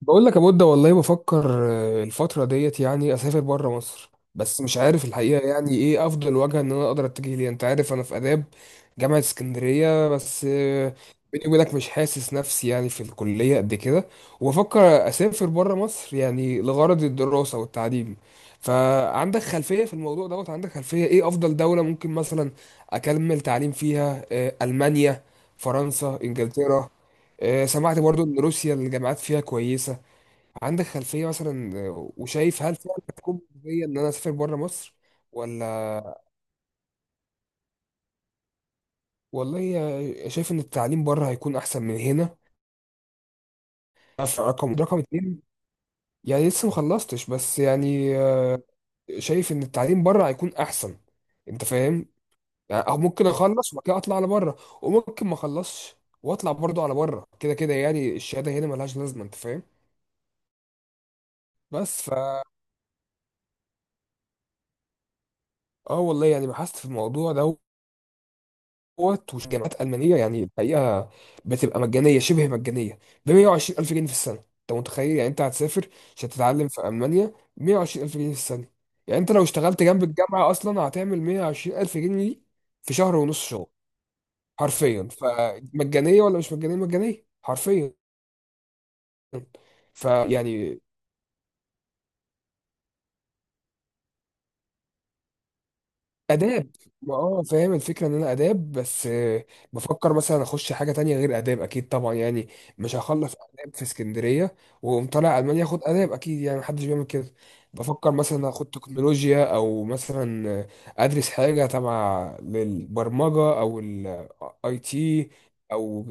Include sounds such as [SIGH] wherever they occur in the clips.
بقول لك يا بود، والله بفكر الفترة ديت يعني أسافر بره مصر، بس مش عارف الحقيقة يعني إيه أفضل وجهة إن أنا أقدر أتجه ليها. أنت عارف أنا في آداب جامعة اسكندرية، بس بيني وبينك مش حاسس نفسي يعني في الكلية قد كده. وبفكر أسافر بره مصر يعني لغرض الدراسة والتعليم. فعندك خلفية في الموضوع دوت؟ عندك خلفية إيه أفضل دولة ممكن مثلا أكمل تعليم فيها؟ ألمانيا، فرنسا، إنجلترا. سمعت برضو ان روسيا الجامعات فيها كويسة. عندك خلفية مثلا؟ وشايف هل فعلا هتكون مجدية إن أنا أسافر بره مصر ولا؟ والله، شايف إن التعليم بره هيكون أحسن من هنا. ده في رقم اتنين، يعني لسه مخلصتش، بس يعني شايف إن التعليم بره هيكون أحسن. أنت فاهم؟ يعني أو ممكن أخلص وبعد كده أطلع على بره، وممكن ما أخلصش وأطلع برضه على بره. كده كده يعني الشهادة هنا ملهاش لازمة، أنت فاهم؟ بس فا، والله يعني بحثت في الموضوع ده دوت. وجامعات ألمانية يعني الحقيقة بتبقى مجانية شبه مجانية، ب 120 ألف جنيه في السنة. أنت متخيل يعني أنت هتسافر عشان تتعلم في ألمانيا 120 ألف جنيه في السنة؟ يعني أنت لو اشتغلت جنب الجامعة أصلا هتعمل 120 ألف جنيه دي في شهر ونص شغل. حرفيا، فمجانية ولا مش مجانية؟ مجانية حرفيا. فيعني اداب، ما اه فاهم الفكره ان انا اداب، بس بفكر مثلا اخش حاجه تانية غير اداب. اكيد طبعا يعني مش هخلص اداب في اسكندريه واقوم طالع المانيا اخد اداب، اكيد يعني محدش بيعمل كده. بفكر مثلا اخد تكنولوجيا او مثلا ادرس حاجه تبع للبرمجه او الاي تي، او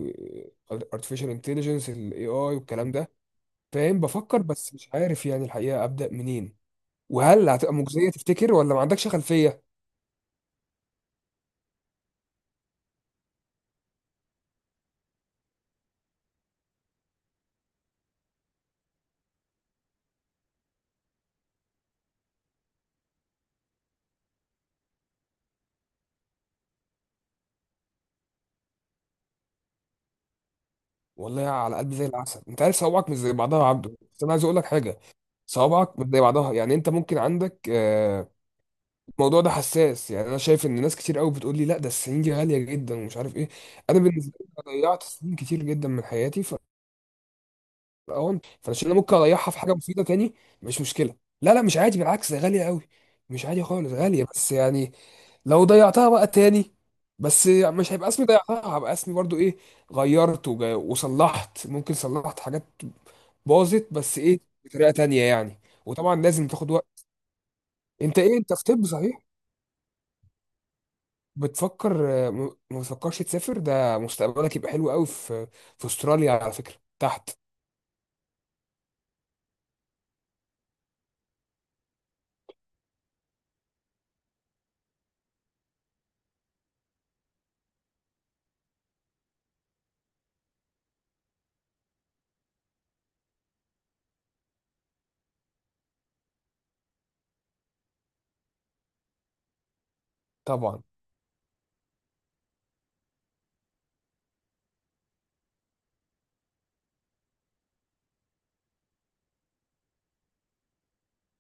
artificial intelligence، الاي اي والكلام ده. فاهم، بفكر بس مش عارف يعني الحقيقه ابدا منين، وهل هتبقى مجزيه تفتكر ولا ما عندكش خلفيه؟ والله على قلبي زي العسل، انت عارف صوابعك مش زي بعضها يا عبده، بس انا عايز اقول لك حاجه. صوابعك مش زي بعضها، يعني انت ممكن عندك الموضوع ده حساس. يعني انا شايف ان ناس كتير قوي بتقول لي لا، ده السنين دي غاليه جدا ومش عارف ايه. انا بالنسبه لي، أنا ضيعت سنين كتير جدا من حياتي، اهون فعشان انا ممكن اريحها في حاجه مفيده تاني. مش مشكله. لا لا، مش عادي، بالعكس، ده غاليه قوي. مش عادي خالص غاليه، بس يعني لو ضيعتها بقى تاني، بس مش هيبقى اسمي ضيعتها، هبقى اسمي برضو ايه؟ غيرت وصلحت، ممكن صلحت حاجات باظت، بس ايه، بطريقه تانية يعني. وطبعا لازم تاخد وقت. انت ايه، انت في طب صحيح؟ بتفكر ما بتفكرش تسافر؟ ده مستقبلك يبقى حلو قوي في استراليا على فكره تحت. طبعا،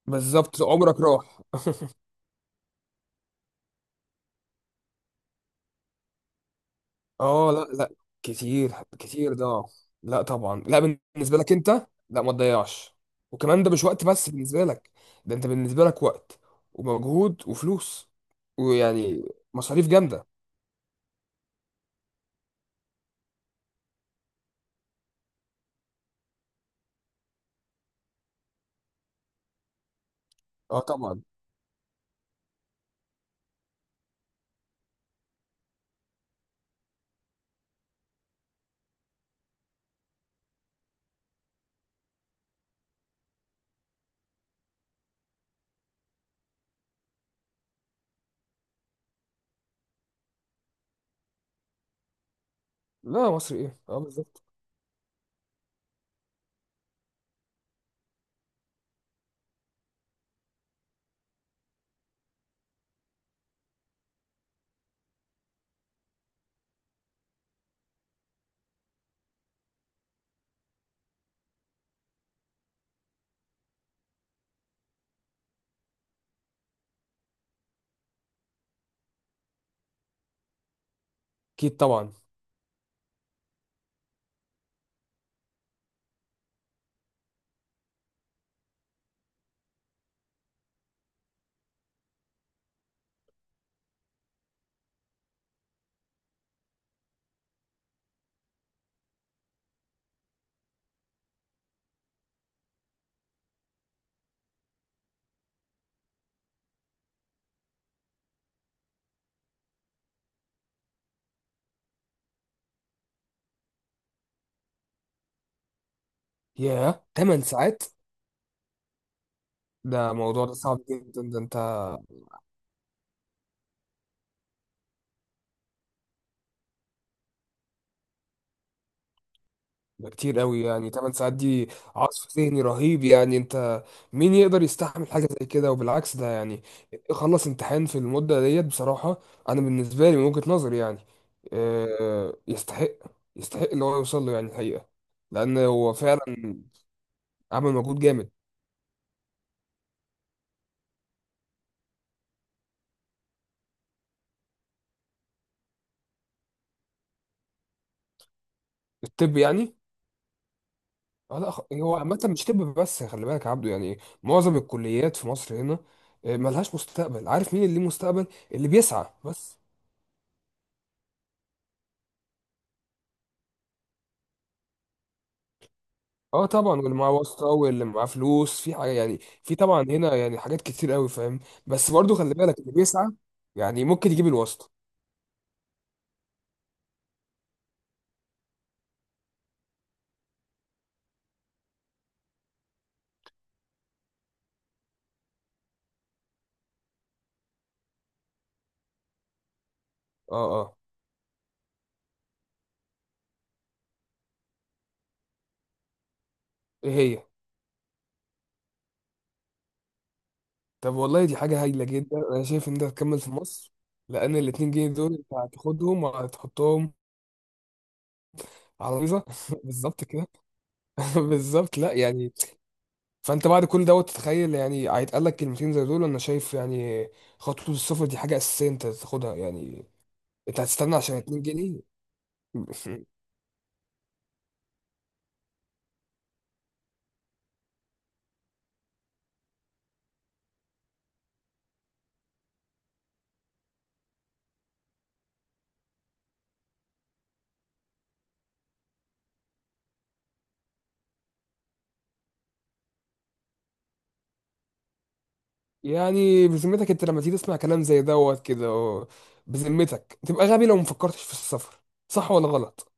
بالظبط، عمرك راح. اه لا لا، كتير. كتير ده، لا طبعا لا. بالنسبه لك انت، لا ما تضيعش. وكمان ده مش وقت بس بالنسبه لك، ده انت بالنسبه لك وقت ومجهود وفلوس. ويعني مصاريف جامده. اه طبعا. لا مصري ايه، اه بالظبط. اكيد طبعا. ياه، 8 ساعات؟ ده موضوع ده صعب جدا، ده انت ده كتير قوي، يعني 8 ساعات دي عصف ذهني رهيب. يعني انت مين يقدر يستحمل حاجة زي كده؟ وبالعكس، ده يعني خلص امتحان في المدة ديت بصراحة. انا بالنسبة لي من وجهة نظري يعني يستحق، يستحق اللي هو يوصل له يعني الحقيقة، لان هو فعلا عمل مجهود جامد. الطب يعني؟ اه لا، هو عامة مش طب بس، خلي بالك يا عبده. يعني معظم الكليات في مصر هنا ملهاش مستقبل. عارف مين اللي ليه مستقبل؟ اللي بيسعى بس. اه طبعا، واللي معاه واسطه واللي معاه فلوس، في حاجه يعني في طبعا هنا يعني حاجات كتير قوي فاهم. بس برضو خلي بالك، اللي بيسعى يعني ممكن يجيب الواسطه. اه اه، ايه هي؟ طب والله، دي حاجه هايله جدا، انا شايف ان انت هتكمل في مصر. لان الاتنين جنيه دول انت هتاخدهم وهتحطهم على الفيزا. [LAUGHS] بالظبط كده. [LAUGHS] بالظبط لا يعني. فانت بعد كل دوت تتخيل يعني هيتقال لك كلمتين زي دول، انا شايف يعني خطوه السفر دي حاجه اساسيه انت تاخدها يعني. انت هتستنى عشان 2 جنيه؟ [LAUGHS] يعني بذمتك انت لما تيجي تسمع كلام زي دوت كده و-، بذمتك تبقى غبي لو مفكرتش في السفر. صح ولا غلط؟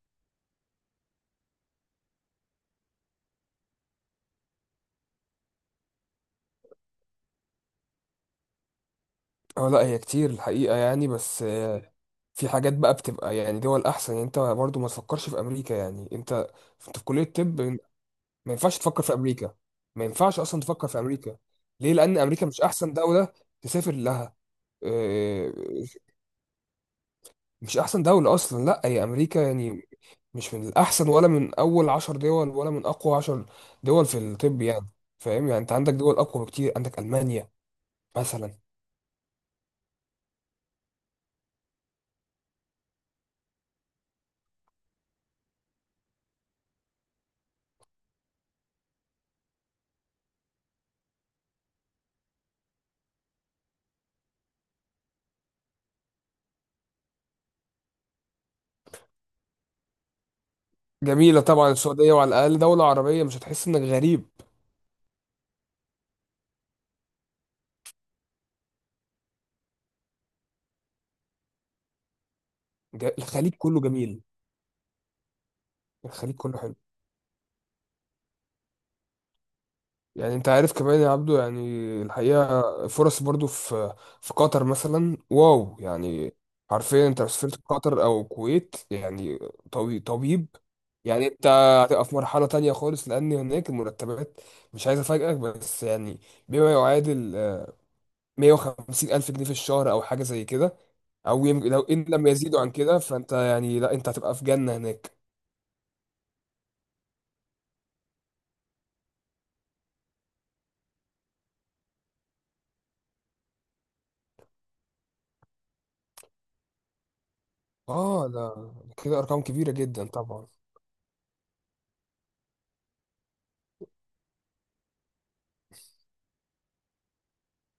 اه لا، هي كتير الحقيقة يعني، بس في حاجات بقى بتبقى يعني دول احسن. يعني انت برضو ما تفكرش في امريكا يعني. انت في كلية طب، ما ينفعش تفكر في امريكا، ما ينفعش اصلا تفكر في امريكا. ليه؟ لان امريكا مش احسن دولة تسافر لها. آه، مش احسن دولة اصلا، لا. هي امريكا يعني مش من الأحسن ولا من أول 10 دول ولا من أقوى 10 دول في الطب يعني. فاهم يعني، أنت عندك دول أقوى بكتير، عندك ألمانيا مثلا. جميلة طبعا السعودية، وعلى الأقل دولة عربية مش هتحس إنك غريب. الخليج كله جميل. الخليج كله حلو يعني. انت عارف كمان يا عبدو يعني الحقيقة، فرص برضو في قطر مثلا، واو يعني. حرفيا انت لو سافرت قطر او الكويت يعني، طبيب، يعني انت هتبقى في مرحلة تانية خالص. لان هناك المرتبات، مش عايز افاجئك بس يعني بما يعادل 150 الف جنيه في الشهر، او حاجة زي كده. او لو ان لم يزيدوا عن كده، فانت يعني لا، انت هتبقى في جنة هناك. اه ده كده ارقام كبيرة جدا طبعا.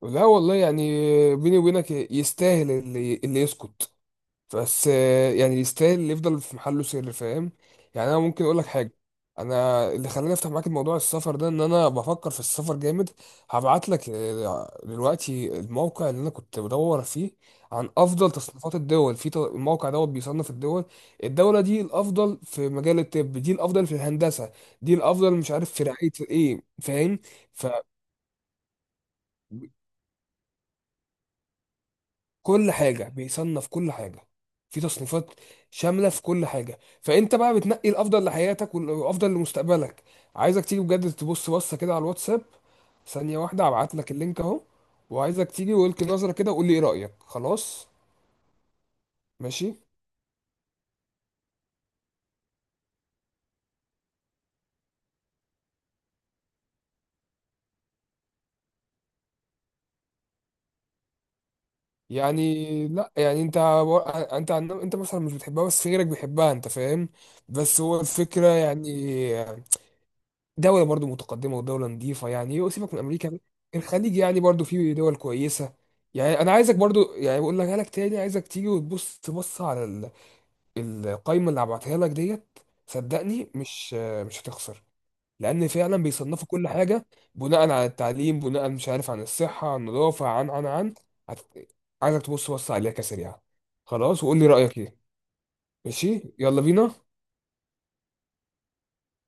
لا والله يعني، بيني وبينك يستاهل اللي يسكت، بس يعني يستاهل اللي يفضل في محله سر فاهم. يعني انا ممكن اقول لك حاجه. انا اللي خلاني افتح معاك الموضوع السفر ده ان انا بفكر في السفر جامد. هبعت لك دلوقتي الموقع اللي انا كنت بدور فيه عن افضل تصنيفات الدول في الموقع دوت بيصنف الدول. الدوله دي الافضل في مجال الطب، دي الافضل في الهندسه، دي الافضل مش عارف في رعايه ايه فاهم. كل حاجة بيصنف كل حاجة، في تصنيفات شاملة في كل حاجة، فأنت بقى بتنقي الأفضل لحياتك والأفضل لمستقبلك. عايزك تيجي بجد تبص بصة كده على الواتساب، ثانية واحدة هبعت لك اللينك أهو. وعايزك تيجي ولك نظرة كده وقول لي إيه رأيك. خلاص، ماشي. يعني لا، يعني أنت أنت أنت مثلا مش بتحبها بس غيرك بيحبها أنت فاهم. بس هو الفكرة يعني دولة برضو متقدمة ودولة نظيفة يعني. وسيبك من أمريكا، الخليج يعني برضو فيه دول كويسة. يعني أنا عايزك برضو يعني بقول لك تاني، عايزك تيجي وتبص تبص على القايمة اللي هبعتها لك ديت. صدقني مش هتخسر، لأن فعلا بيصنفوا كل حاجة بناء على التعليم، مش عارف عن الصحة عن النظافة هت- عايزك تبص بص عليها كسريعة، خلاص، وقول لي رأيك إيه. ماشي، يلا بينا.